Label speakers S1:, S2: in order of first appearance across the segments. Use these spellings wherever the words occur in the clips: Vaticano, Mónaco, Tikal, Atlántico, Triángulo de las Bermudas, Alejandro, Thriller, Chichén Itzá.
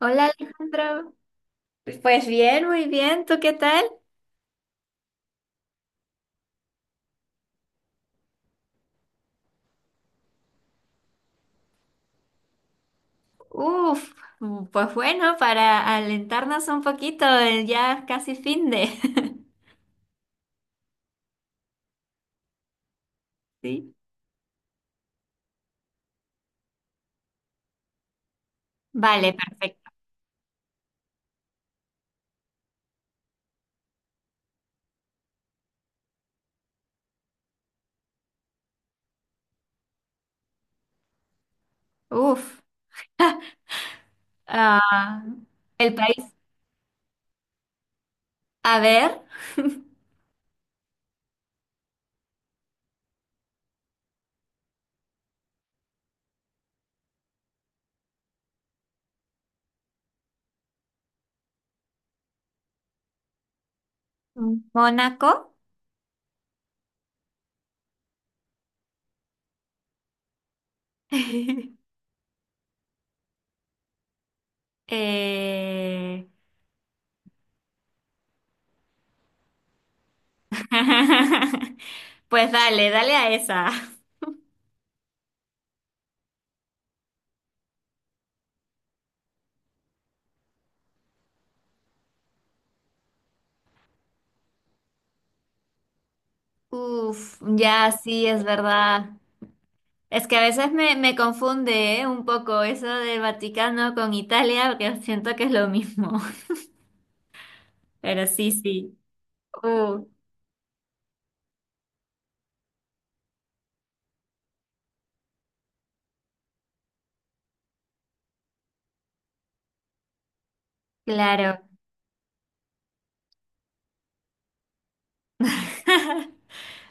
S1: Hola Alejandro, pues bien, muy bien, ¿tú qué tal? Uf, pues bueno, para alentarnos un poquito, ya casi fin de... Sí. Vale, perfecto. Uf, ah, el país. A ver, Mónaco. Eh, Pues dale, dale a esa. Uf, ya sí, es verdad. Es que a veces me confunde, ¿eh? Un poco eso del Vaticano con Italia, porque siento que es lo mismo. Pero sí, sí. Uh, claro.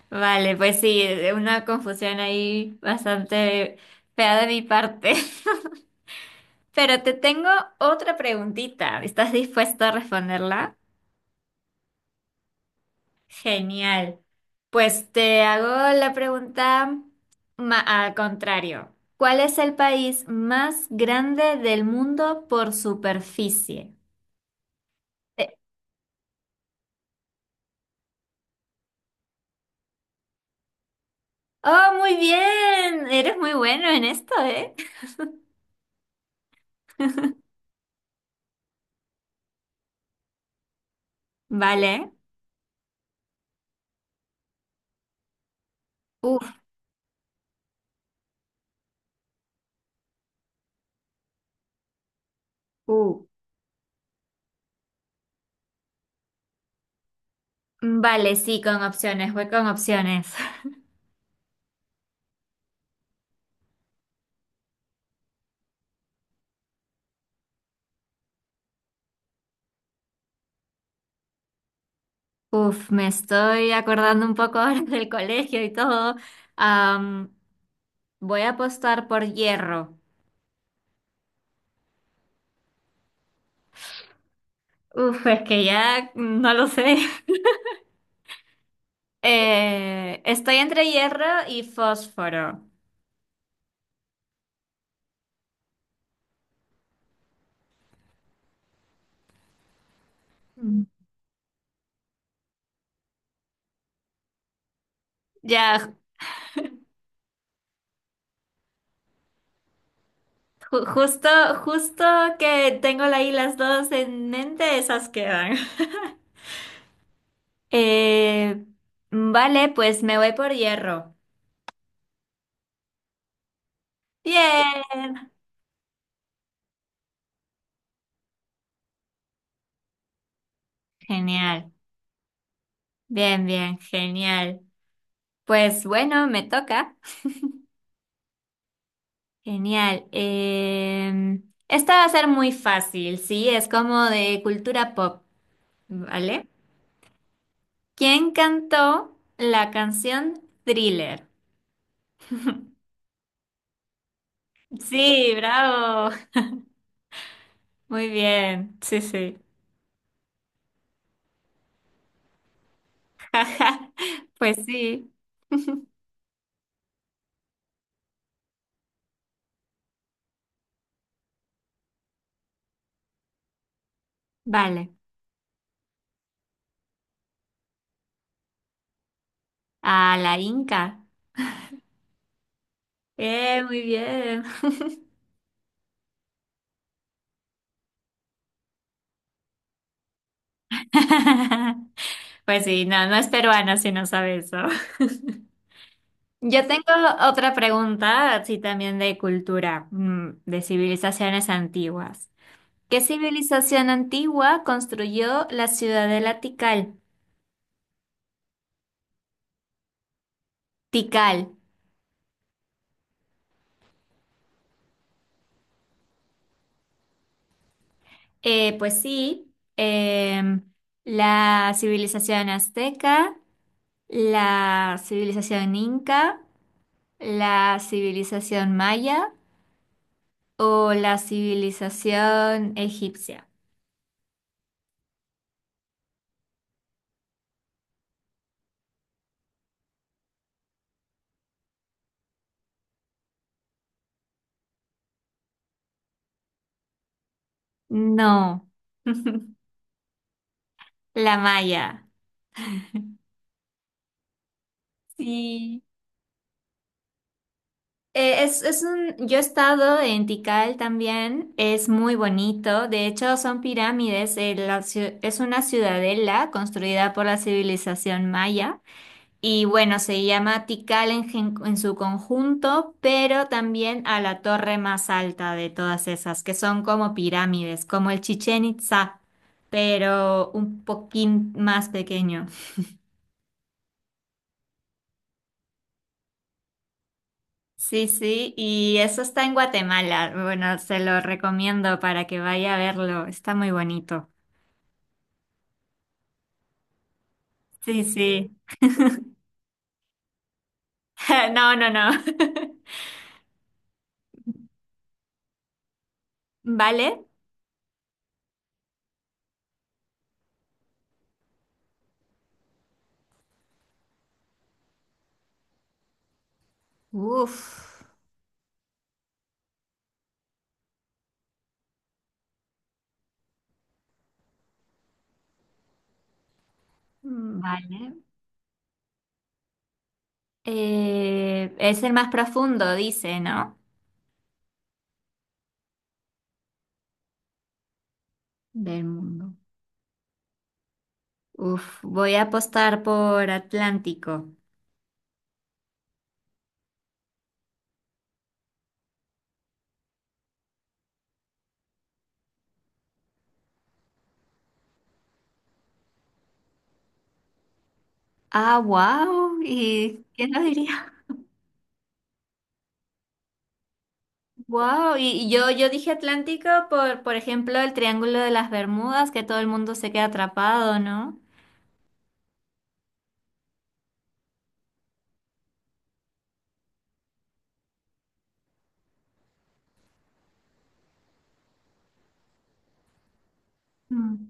S1: Vale, pues sí, una confusión ahí bastante fea de mi parte. Pero te tengo otra preguntita. ¿Estás dispuesto a responderla? Genial. Pues te hago la pregunta al contrario. ¿Cuál es el país más grande del mundo por superficie? Eh, oh, muy bien. Eres muy bueno en esto, ¿eh? Vale. Uf, uh. Vale, sí, con opciones. Voy con opciones. Uf, me estoy acordando un poco ahora del colegio y todo. Am, voy a apostar por hierro. Uf, es que ya no lo sé. Estoy entre hierro y fósforo. Mm. Ya, ju- justo, justo que tengo ahí las dos en mente, esas quedan. Eh, vale, pues me voy por hierro. Bien. Genial. Bien, bien, genial. Pues bueno, me toca. Genial. Esta va a ser muy fácil, sí, es como de cultura pop, ¿vale? ¿Quién cantó la canción Thriller? Sí, bravo. Muy bien. Sí, sí. Pues sí. Vale. A la Inca. Muy bien. Pues sí, no, no es peruana si no sabe eso. Yo tengo otra pregunta, así también de cultura, de civilizaciones antiguas. ¿Qué civilización antigua construyó la ciudadela Tikal? Tikal. Pues sí, la civilización azteca, ¿la civilización inca, la civilización maya o la civilización egipcia? No, la maya. Sí. Yo he estado en Tikal también, es muy bonito, de hecho son pirámides, es una ciudadela construida por la civilización maya. Y bueno, se llama Tikal en, en su conjunto, pero también a la torre más alta de todas esas, que son como pirámides, como el Chichén Itzá, pero un poquín más pequeño. Sí, sí, y eso está en Guatemala. Bueno, se lo recomiendo para que vaya a verlo. Está muy bonito. Sí, sí. No, no, no. ¿Vale? Uf. Vale. Es el más profundo, dice, ¿no? Del mundo. Uf, voy a apostar por Atlántico. Ah, wow. ¿Y quién lo diría? Wow. Yo dije Atlántico por ejemplo, el Triángulo de las Bermudas, que todo el mundo se queda atrapado, ¿no? Mm.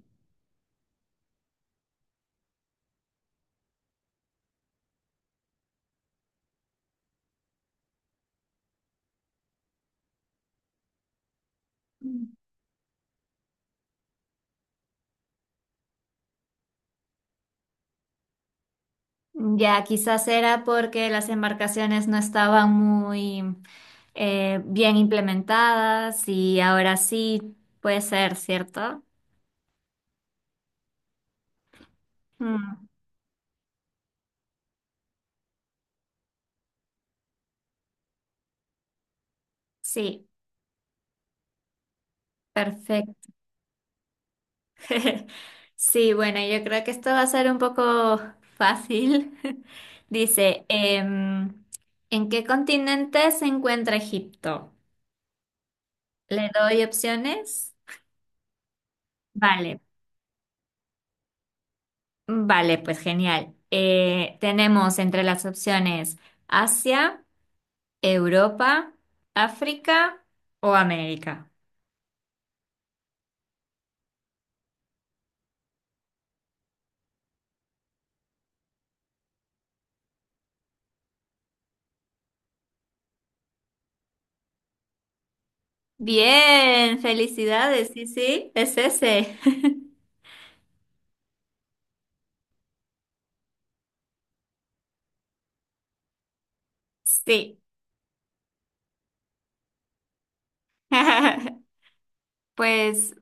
S1: Ya, quizás era porque las embarcaciones no estaban muy bien implementadas y ahora sí puede ser, ¿cierto? Mm, Sí, perfecto. Sí, bueno, yo creo que esto va a ser un poco fácil. Dice, ¿en qué continente se encuentra Egipto? ¿Le doy opciones? Vale, vale, pues genial. Tenemos entre las opciones Asia, Europa, África o América. Bien, felicidades, sí, sí, es ese. Sí. Pues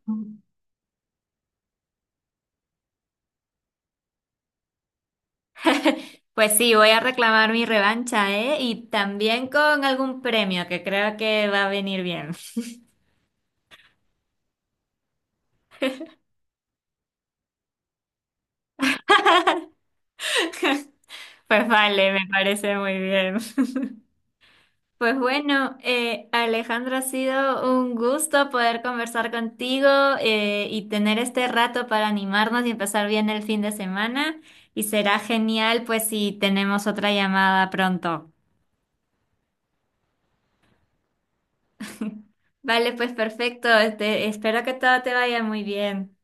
S1: Pues sí, voy a reclamar mi revancha, ¿eh? Y también con algún premio que creo que va a venir bien. Pues vale, me parece muy bien. Pues bueno, Alejandro, ha sido un gusto poder conversar contigo y tener este rato para animarnos y empezar bien el fin de semana. Y será genial, pues, si tenemos otra llamada pronto. Vale, pues perfecto. Este, espero que todo te vaya muy bien.